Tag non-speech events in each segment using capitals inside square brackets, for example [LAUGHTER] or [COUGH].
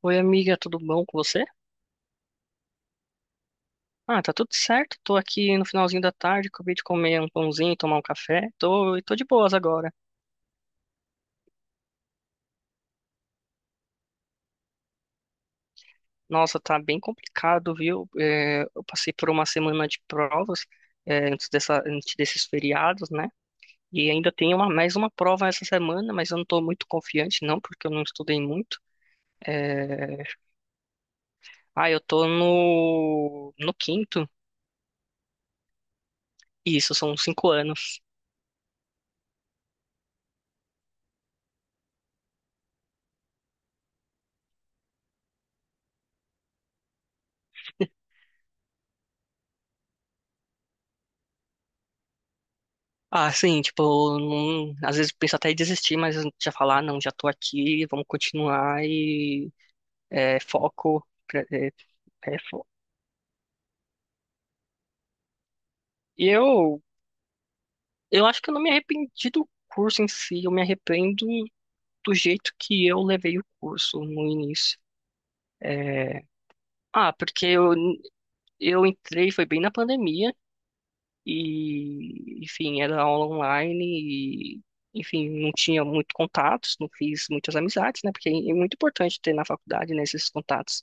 Oi, amiga, tudo bom com você? Ah, tá tudo certo. Tô aqui no finalzinho da tarde, acabei de comer um pãozinho, e tomar um café. Tô de boas agora. Nossa, tá bem complicado, viu? Eu passei por uma semana de provas, antes dessa, antes desses feriados, né? E ainda tem uma, mais uma prova essa semana, mas eu não tô muito confiante, não, porque eu não estudei muito. É, eu tô no quinto. Isso, são cinco anos. Ah, sim, tipo, não- às vezes penso até em desistir, mas já falar, "Ah, não, já tô aqui, vamos continuar e foco. É, fo- E eu acho que eu não me arrependi do curso em si, eu me arrependo do jeito que eu levei o curso no início. É, Porque eu entrei, foi bem na pandemia. E, enfim, era aula online e, enfim, não tinha muito contatos, não fiz muitas amizades, né? Porque é muito importante ter na faculdade, né, esses contatos,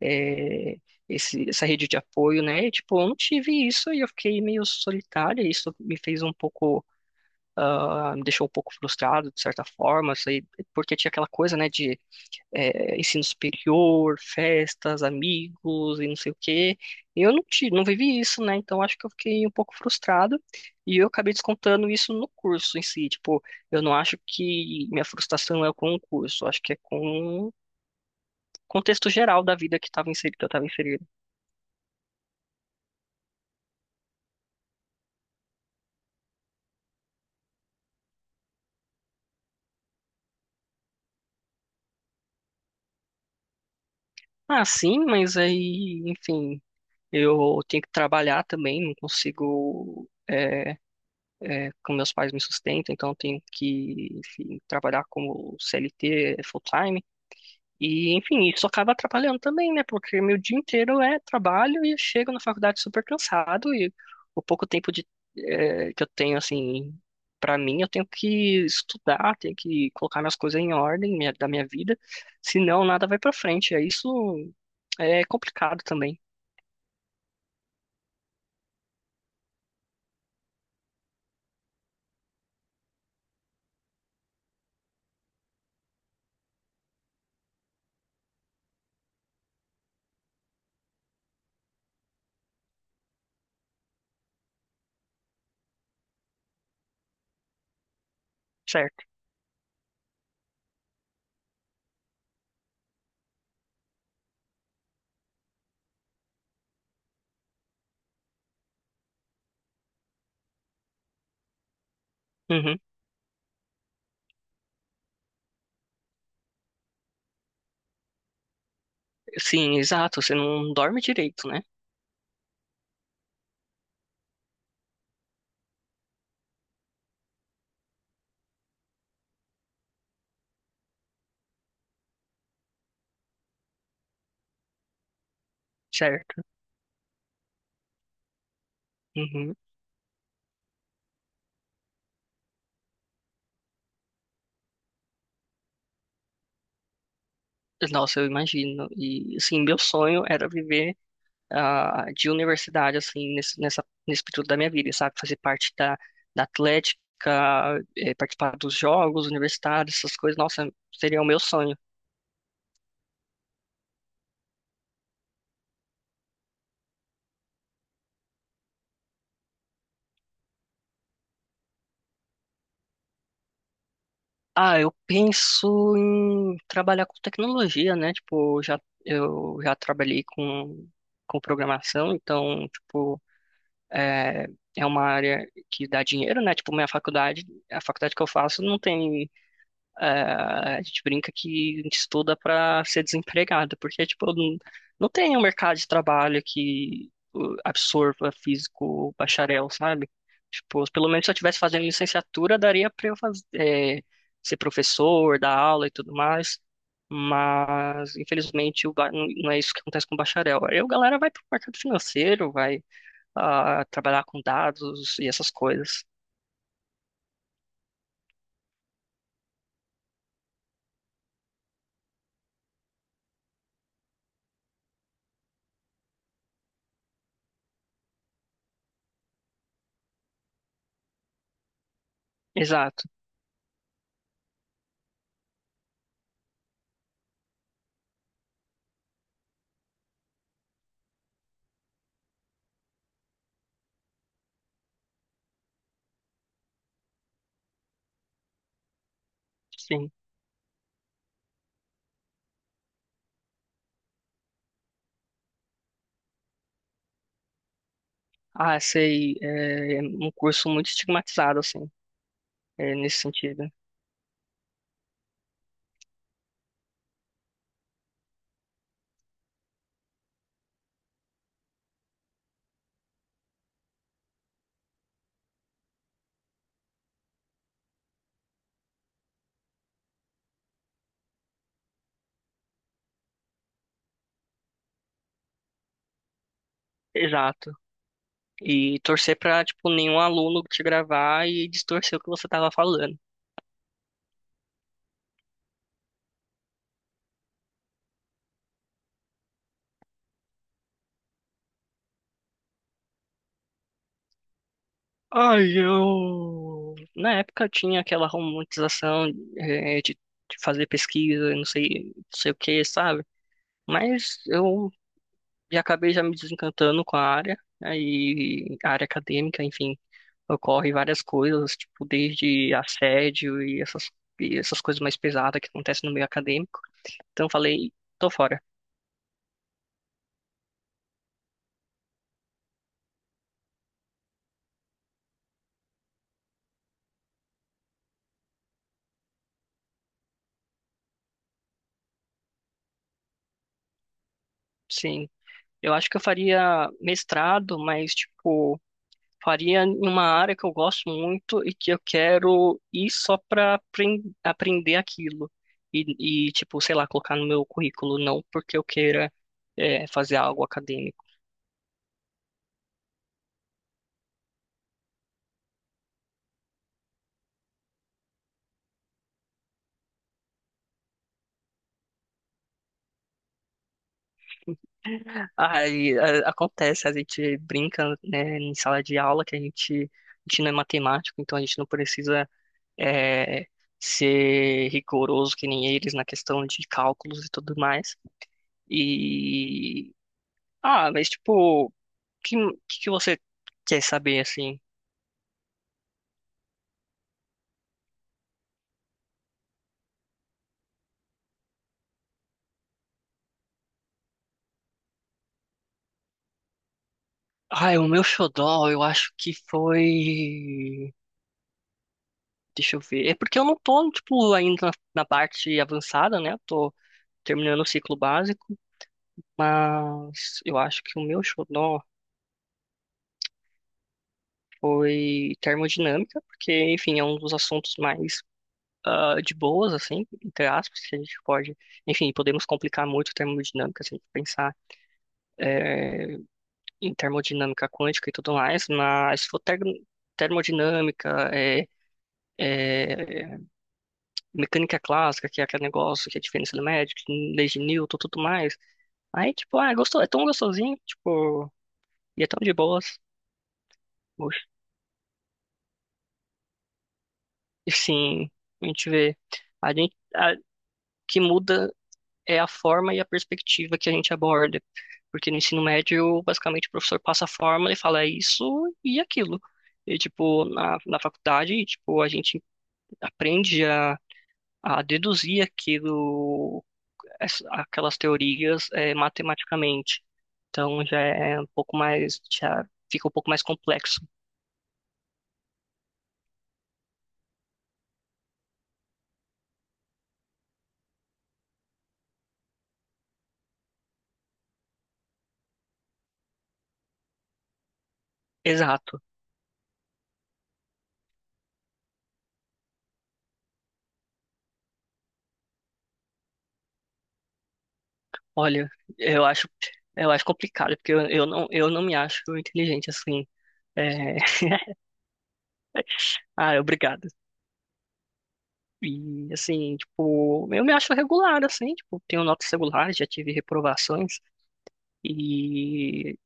é, essa rede de apoio, né? E, tipo, eu não tive isso e eu fiquei meio solitária, e isso me fez um pouco, ah, me deixou um pouco frustrado, de certa forma, sei, porque tinha aquela coisa, né, de ensino superior, festas, amigos e não sei o quê. E eu não tive, não vivi isso, né? Então acho que eu fiquei um pouco frustrado e eu acabei descontando isso no curso em si. Tipo, eu não acho que minha frustração é com o curso, acho que é com o contexto geral da vida que estava inserido, que eu estava inserido. Ah, sim, mas aí, enfim, eu tenho que trabalhar também, não consigo. Como meus pais me sustentam, então eu tenho que, enfim, trabalhar como CLT full-time. E, enfim, isso acaba atrapalhando também, né? Porque meu dia inteiro é trabalho e eu chego na faculdade super cansado e o pouco tempo de, que eu tenho, assim, pra mim, eu tenho que estudar, tenho que colocar minhas coisas em ordem minha- da minha vida, senão nada vai pra frente. É isso é complicado também, certo? Uhum. Sim, exato. Você não dorme direito, né? Certo. Uhum. Nossa, eu imagino. E, assim, meu sonho era viver ah, de universidade, assim, nesse período da minha vida, sabe? Fazer parte da atlética, participar dos jogos universitários, essas coisas, nossa, seria o meu sonho. Ah, eu penso em trabalhar com tecnologia, né? Tipo, já, eu já trabalhei com programação, então, tipo, é, é uma área que dá dinheiro, né? Tipo, minha faculdade, a faculdade que eu faço não tem. Ah, a gente brinca que a gente estuda para ser desempregado, porque, tipo, não, não tem um mercado de trabalho que absorva físico bacharel, sabe? Tipo, pelo menos se eu estivesse fazendo licenciatura, daria para eu ser professor, dar aula e tudo mais, mas, infelizmente, o ba- não é isso que acontece com o bacharel. Aí a galera vai para o mercado financeiro, vai trabalhar com dados e essas coisas. Exato, sim. Ah, sei, é um curso muito estigmatizado, assim, é, nesse sentido. Exato. E torcer pra, tipo, nenhum aluno te gravar e distorcer o que você tava falando. Ai, eu... Na época tinha aquela romantização, é, de fazer pesquisa, não sei, não sei o que, sabe? Mas eu já acabei já me desencantando com a área, aí, a área acadêmica, enfim. Ocorre várias coisas, tipo, desde assédio e essas coisas mais pesadas que acontecem no meio acadêmico. Então eu falei, tô fora. Sim, eu acho que eu faria mestrado, mas, tipo, faria em uma área que eu gosto muito e que eu quero ir só pra apren- aprender aquilo. Tipo, sei lá, colocar no meu currículo, não porque eu queira, fazer algo acadêmico. Aí, a- acontece, a gente brinca, né, em sala de aula que a gente não é matemático, então a gente não precisa é, ser rigoroso que nem eles na questão de cálculos e tudo mais. E ah, mas tipo, que, que você quer saber assim? Ah, o meu xodó, eu acho que foi. Deixa eu ver. É porque eu não tô, tipo, ainda na parte avançada, né? Eu tô terminando o ciclo básico. Mas eu acho que o meu xodó foi termodinâmica, porque, enfim, é um dos assuntos mais ah, de boas, assim, entre aspas, que a gente pode, enfim, podemos complicar muito termodinâmica, se a gente pensar em termodinâmica quântica e tudo mais, mas se for termodinâmica, é, mecânica clássica, que é aquele negócio que é a diferença do médico, lei de Newton, tudo mais, aí, tipo, ah, gostou, é tão gostosinho, tipo, e é tão de boas. Poxa, e sim, a gente vê. A gente, que muda é a forma e a perspectiva que a gente aborda. Porque no ensino médio, basicamente, o professor passa a forma e fala é isso e aquilo. E, tipo, na faculdade, tipo, a gente aprende a deduzir aquilo, essa- aquelas teorias matematicamente. Então, já é um pouco mais, já fica um pouco mais complexo. Exato. Olha, eu acho, eu acho complicado, porque eu não me acho inteligente assim. É, [LAUGHS] Ah, obrigado. E, assim, tipo, eu me acho regular, assim, tipo, tenho notas regulares, já tive reprovações, e,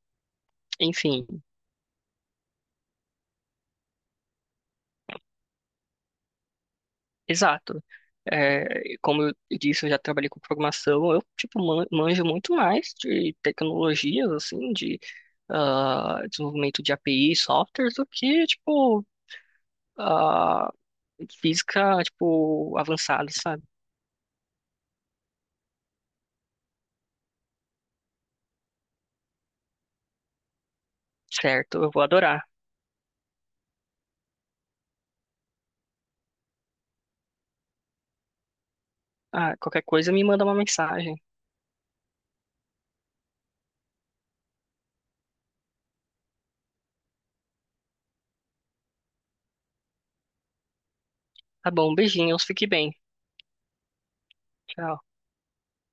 enfim, exato. É, como eu disse, eu já trabalhei com programação, eu, tipo, man- manjo muito mais de tecnologias, assim, de ah, desenvolvimento de API, softwares, do que, tipo, ah, física, tipo, avançada, sabe? Certo, eu vou adorar. Ah, qualquer coisa me manda uma mensagem. Tá bom, beijinhos, fique bem. Tchau.